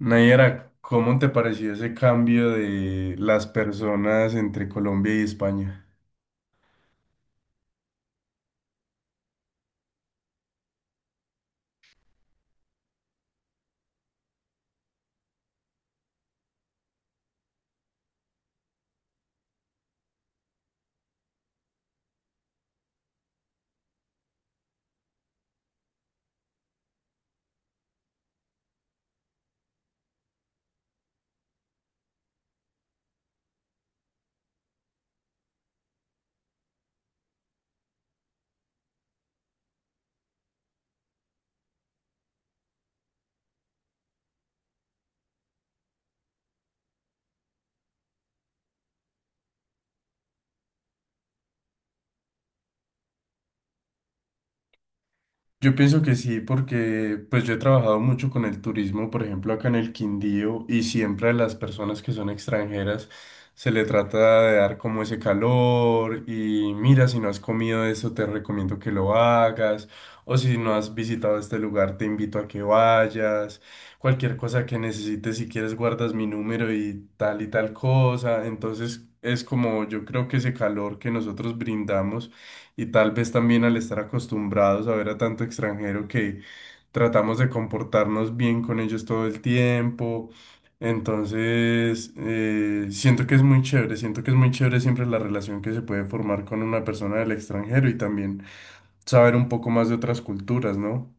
Nayera, ¿cómo te pareció ese cambio de las personas entre Colombia y España? Yo pienso que sí, porque pues yo he trabajado mucho con el turismo, por ejemplo, acá en el Quindío, y siempre a las personas que son extranjeras se le trata de dar como ese calor, y mira, si no has comido eso, te recomiendo que lo hagas, o si no has visitado este lugar, te invito a que vayas, cualquier cosa que necesites, si quieres, guardas mi número y tal cosa, entonces es como yo creo que ese calor que nosotros brindamos y tal vez también al estar acostumbrados a ver a tanto extranjero que tratamos de comportarnos bien con ellos todo el tiempo. Entonces, siento que es muy chévere, siento que es muy chévere siempre la relación que se puede formar con una persona del extranjero y también saber un poco más de otras culturas, ¿no?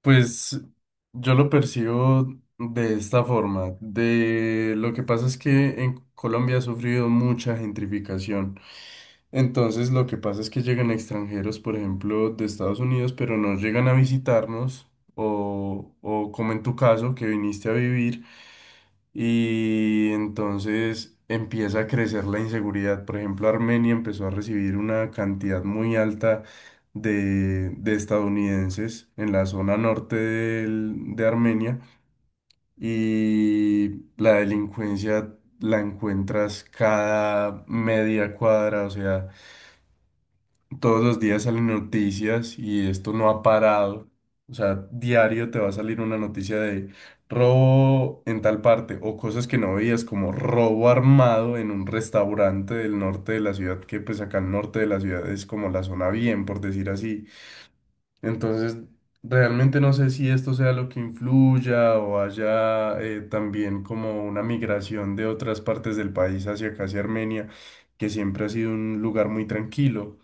Pues yo lo percibo de esta forma. De lo que pasa es que en Colombia ha sufrido mucha gentrificación. Entonces lo que pasa es que llegan extranjeros, por ejemplo, de Estados Unidos, pero no llegan a visitarnos o como en tu caso, que viniste a vivir y entonces empieza a crecer la inseguridad. Por ejemplo, Armenia empezó a recibir una cantidad muy alta de estadounidenses en la zona norte de Armenia y la delincuencia la encuentras cada media cuadra, o sea. Todos los días salen noticias y esto no ha parado. O sea, diario te va a salir una noticia de robo en tal parte o cosas que no veías como robo armado en un restaurante del norte de la ciudad, que pues acá al norte de la ciudad es como la zona bien, por decir así. Entonces, realmente no sé si esto sea lo que influya o haya también como una migración de otras partes del país hacia acá, hacia Armenia, que siempre ha sido un lugar muy tranquilo.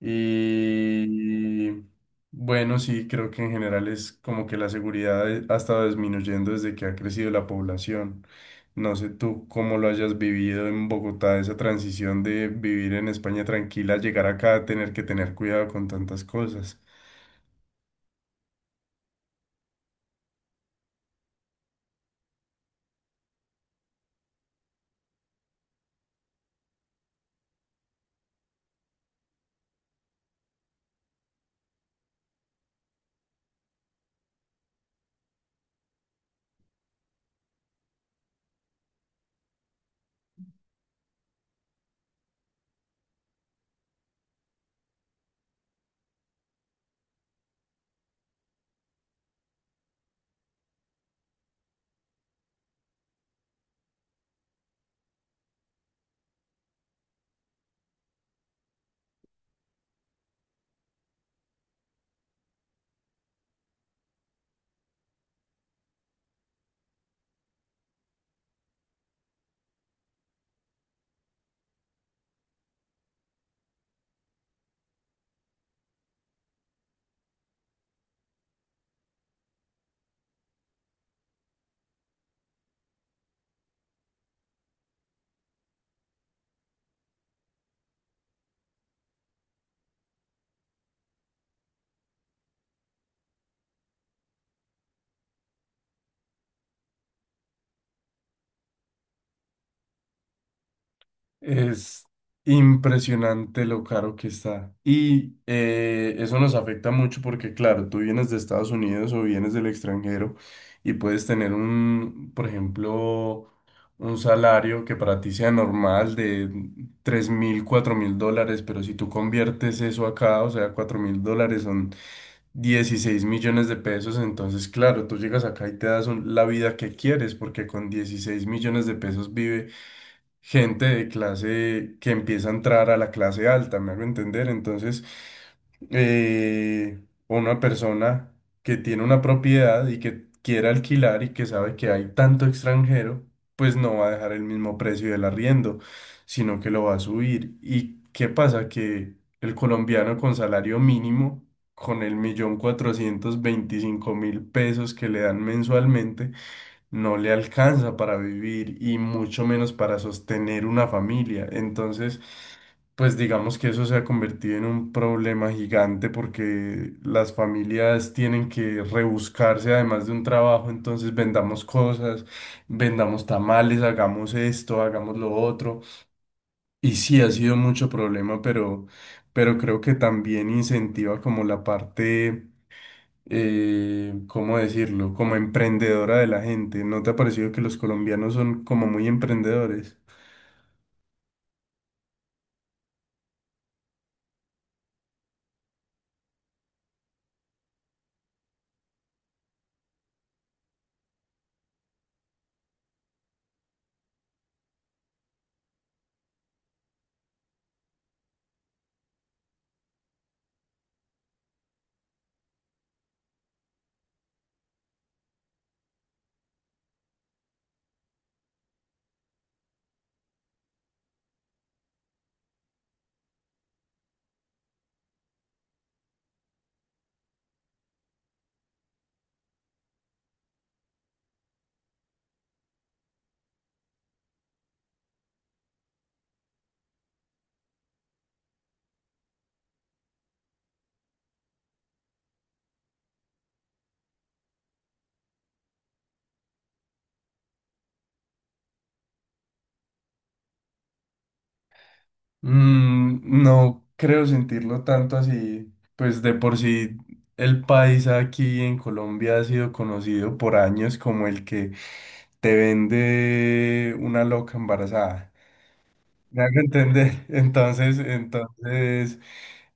Y bueno, sí, creo que en general es como que la seguridad ha estado disminuyendo desde que ha crecido la población. No sé tú cómo lo hayas vivido en Bogotá, esa transición de vivir en España tranquila, llegar acá a tener que tener cuidado con tantas cosas. Es impresionante lo caro que está. Y eso nos afecta mucho porque, claro, tú vienes de Estados Unidos o vienes del extranjero y puedes tener un, por ejemplo, un salario que para ti sea normal de 3.000, 4.000 dólares, pero si tú conviertes eso acá, o sea, 4.000 dólares son 16 millones de pesos, entonces, claro, tú llegas acá y te das la vida que quieres porque con 16 millones de pesos vive gente de clase que empieza a entrar a la clase alta, me hago entender. Entonces, eh, una persona que tiene una propiedad y que quiera alquilar y que sabe que hay tanto extranjero, pues no va a dejar el mismo precio del arriendo, sino que lo va a subir. ¿Y qué pasa? Que el colombiano con salario mínimo, con el 1.425.000 pesos que le dan mensualmente, no le alcanza para vivir y mucho menos para sostener una familia. Entonces, pues digamos que eso se ha convertido en un problema gigante porque las familias tienen que rebuscarse además de un trabajo, entonces vendamos cosas, vendamos tamales, hagamos esto, hagamos lo otro. Y sí, ha sido mucho problema, pero creo que también incentiva como la parte ¿cómo decirlo? Como emprendedora de la gente. ¿No te ha parecido que los colombianos son como muy emprendedores? Mm, no creo sentirlo tanto así. Pues de por sí el país aquí en Colombia ha sido conocido por años como el que te vende una loca embarazada. Me hago entender. Entonces,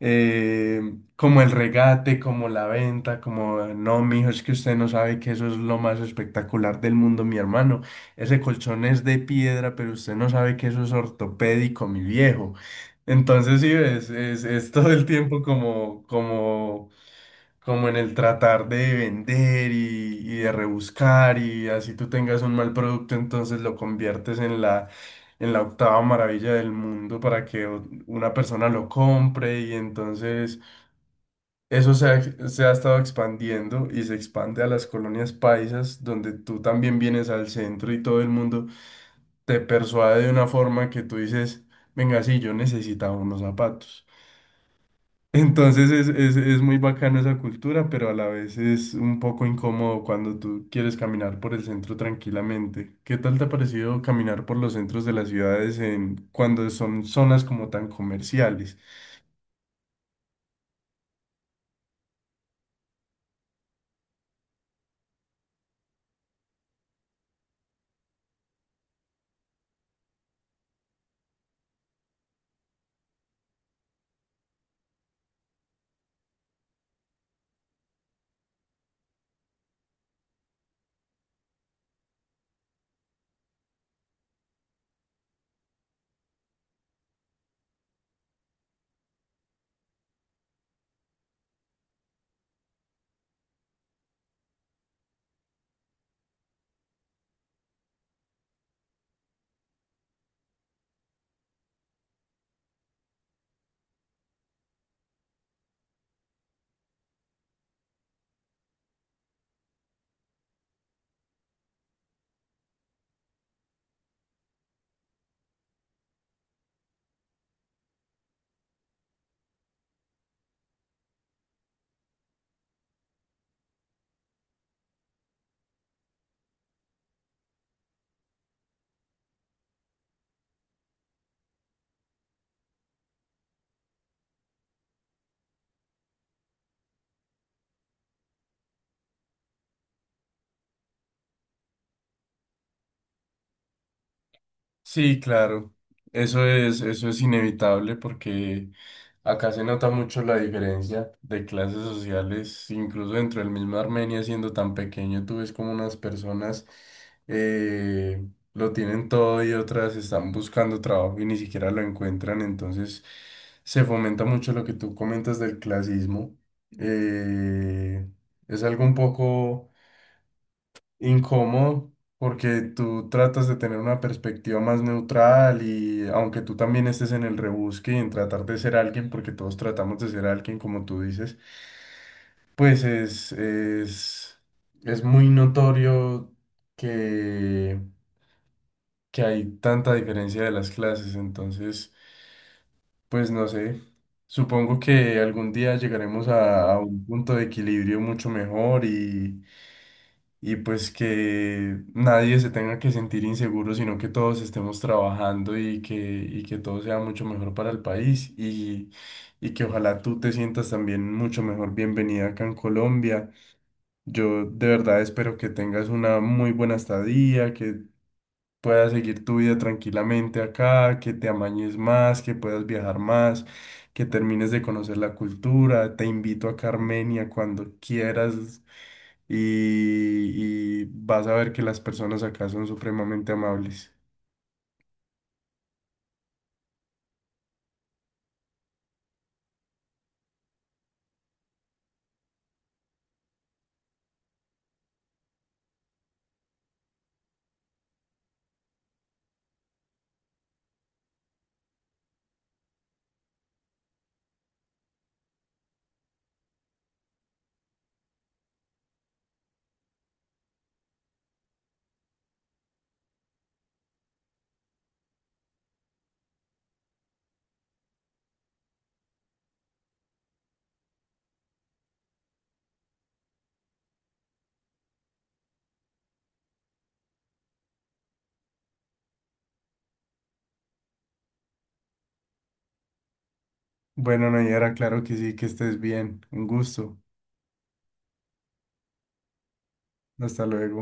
eh, como el regate, como la venta, como no, mijo, es que usted no sabe que eso es lo más espectacular del mundo, mi hermano. Ese colchón es de piedra, pero usted no sabe que eso es ortopédico, mi viejo. Entonces, sí, es todo el tiempo como en el tratar de vender y de rebuscar y así tú tengas un mal producto, entonces lo conviertes en la octava maravilla del mundo para que una persona lo compre y entonces eso se ha estado expandiendo y se expande a las colonias paisas donde tú también vienes al centro y todo el mundo te persuade de una forma que tú dices, venga, sí, yo necesitaba unos zapatos. Entonces es muy bacano esa cultura, pero a la vez es un poco incómodo cuando tú quieres caminar por el centro tranquilamente. ¿Qué tal te ha parecido caminar por los centros de las ciudades cuando son zonas como tan comerciales? Sí, claro. Eso es inevitable porque acá se nota mucho la diferencia de clases sociales, incluso dentro del mismo Armenia, siendo tan pequeño, tú ves como unas personas eh, lo tienen todo y otras están buscando trabajo y ni siquiera lo encuentran. Entonces se fomenta mucho lo que tú comentas del clasismo. Eh, es algo un poco incómodo porque tú tratas de tener una perspectiva más neutral y aunque tú también estés en el rebusque y en tratar de ser alguien, porque todos tratamos de ser alguien como tú dices, pues es muy notorio que, que hay tanta diferencia de las clases, entonces, pues no sé. Supongo que algún día llegaremos a un punto de equilibrio mucho mejor y pues que nadie se tenga que sentir inseguro, sino que todos estemos trabajando y que todo sea mucho mejor para el país y que ojalá tú te sientas también mucho mejor bienvenida acá en Colombia. Yo de verdad espero que tengas una muy buena estadía, que puedas seguir tu vida tranquilamente acá, que te amañes más, que puedas viajar más, que termines de conocer la cultura. Te invito acá a Armenia cuando quieras y vas a ver que las personas acá son supremamente amables. Bueno, Nayara, claro que sí, que estés bien. Un gusto. Hasta luego.